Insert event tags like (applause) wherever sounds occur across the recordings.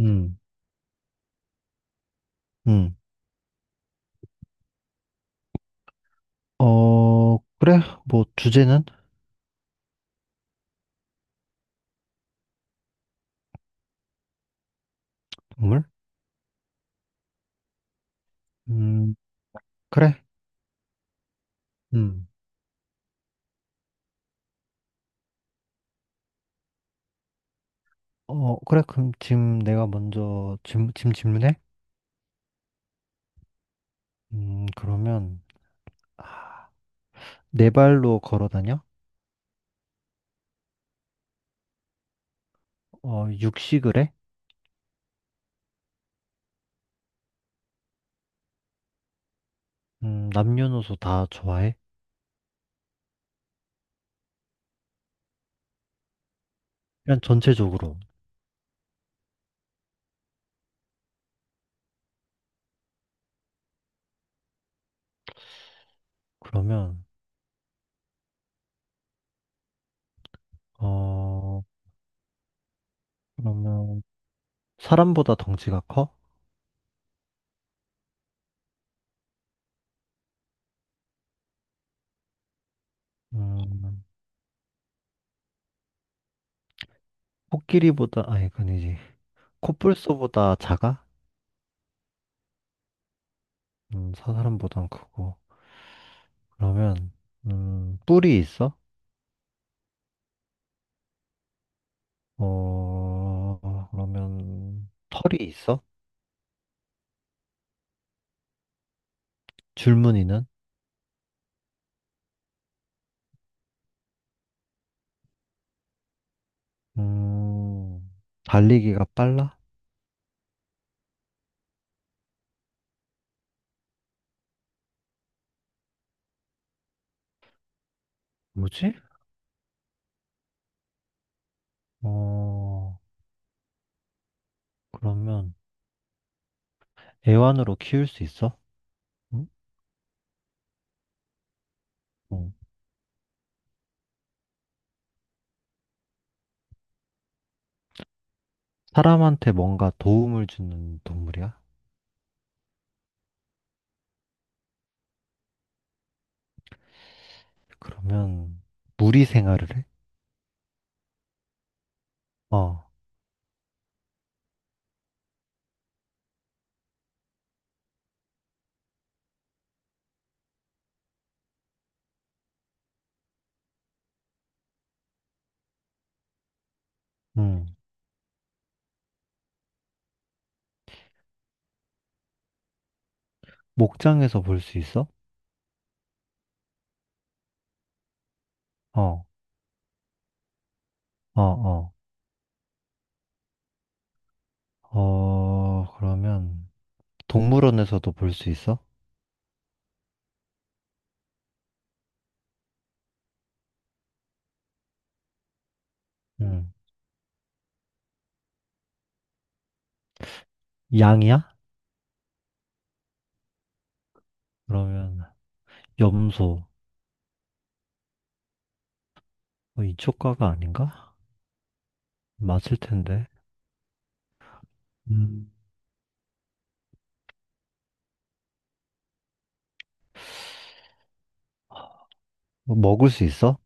음, 음. 어, 그래. 뭐, 주제는? 동물? 음, 그래. 음. 어, 그래. 그럼 지금 내가 먼저 지금 질문해? 그러면, 아, 네 발로 걸어 다녀? 어, 육식을 해? 남녀노소 다 좋아해? 그냥 전체적으로. 그러면, 어, 그러면, 사람보다 덩치가 커? 음, 코끼리보다, 아니, 그건 이지 코뿔소보다 작아? 사람보단 크고. 그러면 뿔이 있어? 어, 그러면 털이 있어? 줄무늬는? 음, 달리기가 빨라? 뭐지? 어, 그러면 애완으로 키울 수 있어? 응? 어. 사람한테 뭔가 도움을 주는 동물이야? 그러면 무리 생활을 해? 어, 음, 목장에서 볼 수 있어? 어, 어, 어, 어, 그러면 동물원에서도 볼 수 있어? 응, 양이야? 그러면 염소 어, 이쪽가가 아닌가? 맞을 텐데. 음. 뭐 먹을 수 있어?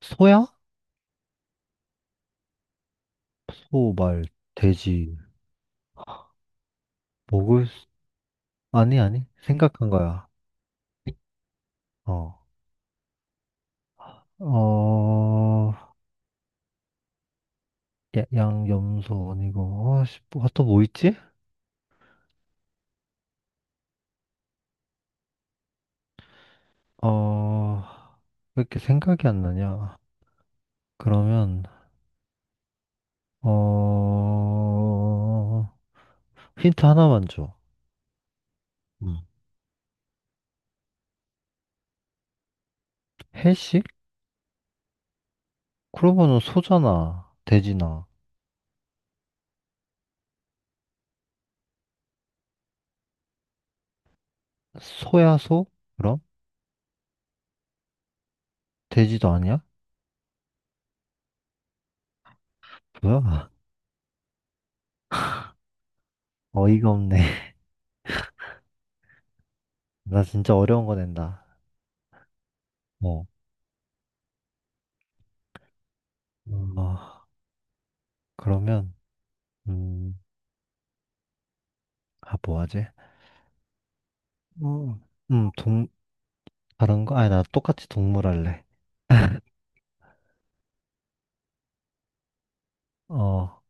소야? 소, 말, 돼지. 먹을 수... 아니, 아니. 생각한 거야. 어. 어, 양, 염소 아니고. 아, 씨, 뭐, 아, 또뭐 있지? 어, 왜 이렇게 생각이 안 나냐? 그러면, 어, 힌트 하나만 줘. 음. 해식? 그러면은 소잖아. 돼지나. 소야소? 그럼? 돼지도 아니야? 뭐야? (laughs) 어이가 없네. (laughs) 나 진짜 어려운 거 낸다. 어, 어, 그러면, 음, 아, 뭐 하지? 어, 음, 동, 다른 거? 아니, 나 똑같이 동물 할래. 어,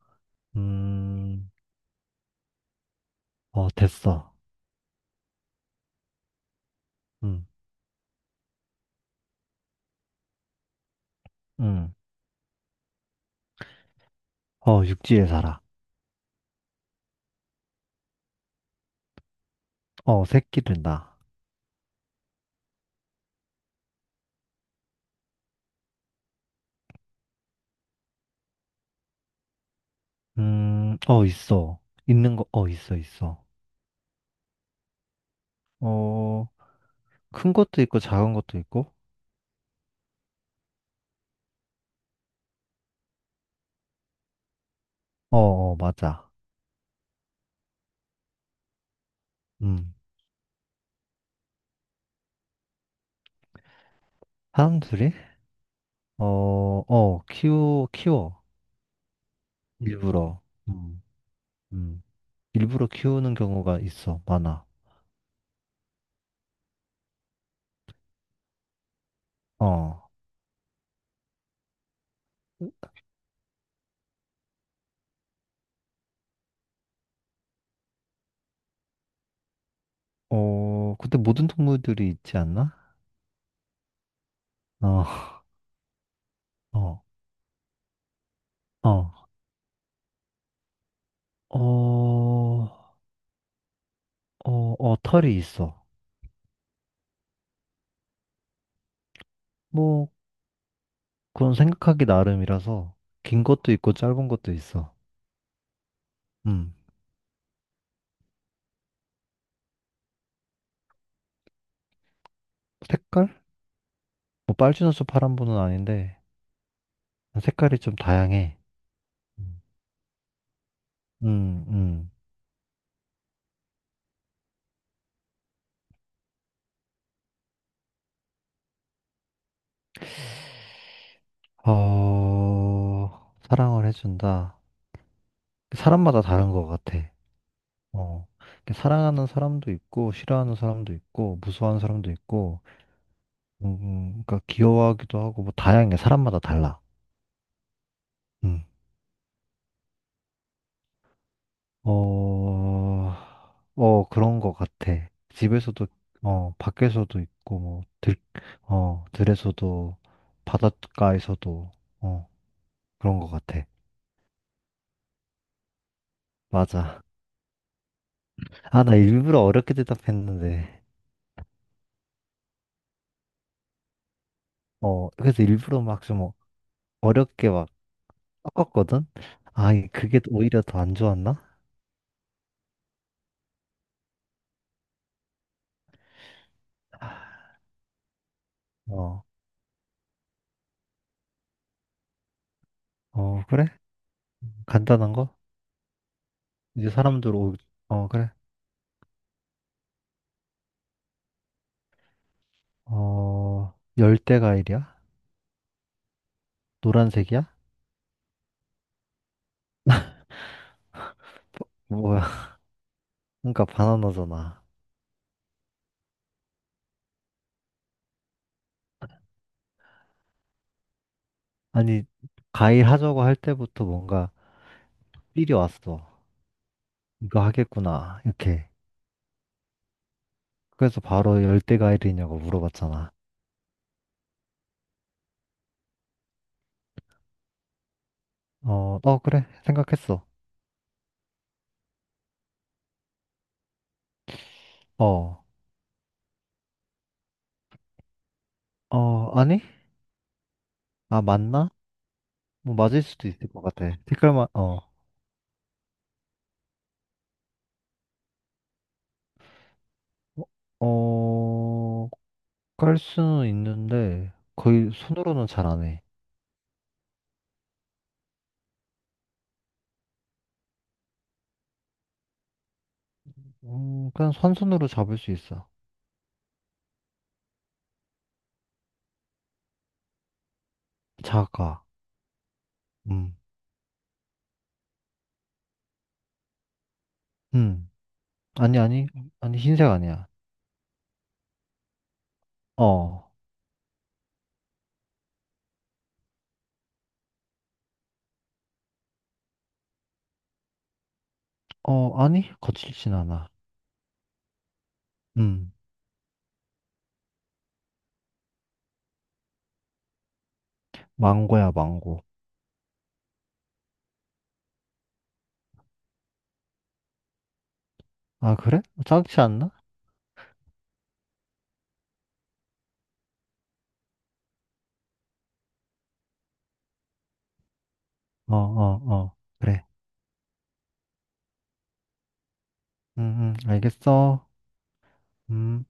음, 어, 됐어. 음, 음, 어, 육지에 살아. 어, 새끼를 낳아. 어, 있어. 있는 거, 어, 있어, 있어. 어, 큰 것도 있고, 작은 것도 있고. 어, 어, 맞아. 음, 사람들이? 어, 어, 키워. 일부러. 음, 음. 일부러 키우는 경우가 있어. 많아. 어, 어, 근데 모든 동물들이 있지 않나? 어, (laughs) 어, 어, 어, 어, 어, 털이 있어. 뭐, 그건 생각하기 나름이라서, 긴 것도 있고, 짧은 것도 있어. 음, 색깔? 뭐, 빨주노초 파란보는 아닌데, 색깔이 좀 다양해. 음, 음. 어, 사랑을 해준다. 사람마다 다른 것 같아. 어. 이렇게 사랑하는 사람도 있고, 싫어하는 사람도 있고, 무서워하는 사람도 있고, 그러니까 귀여워하기도 하고, 뭐 다양해. 사람마다 달라. 음. 어, 어, 그런 것 같아. 집에서도, 어, 밖에서도 있고, 뭐, 어, 들에서도, 바닷가에서도, 어, 그런 것 같아. 맞아. 아, 나 일부러 어렵게 대답했는데, 어, 그래서 일부러 막 좀 어렵게 막 섞었거든? 아, 그게 또 오히려 더 안 좋았나? 어, 어, 그래? 간단한 거? 이제 사람들 오, 어, 그래. 어, 열대과일이야? 노란색이야? 뭐야? (laughs) 그러니까 바나나잖아. 아니, 과일 하자고 할 때부터 뭔가 삘이 왔어. 이거 하겠구나. 이렇게. 그래서 바로 열대과일이냐고 물어봤잖아. 어, 어, 그래. 생각했어. 어, 어, 아니? 아, 맞나? 뭐 맞을 수도 있을 것 같아. 색깔만, 어. 어, 깔 수는 있는데 거의 손으로는 잘 안 해. 그냥 한 손으로 잡을 수 있어. 작아. 음, 음. 아니, 아니, 아니, 흰색 아니야. 어, 어, 아니, 거칠진 않아. 음, 망고야, 망고. 아, 그래? 작지 않나? 어, 어, 어, 그래. 알겠어. 음.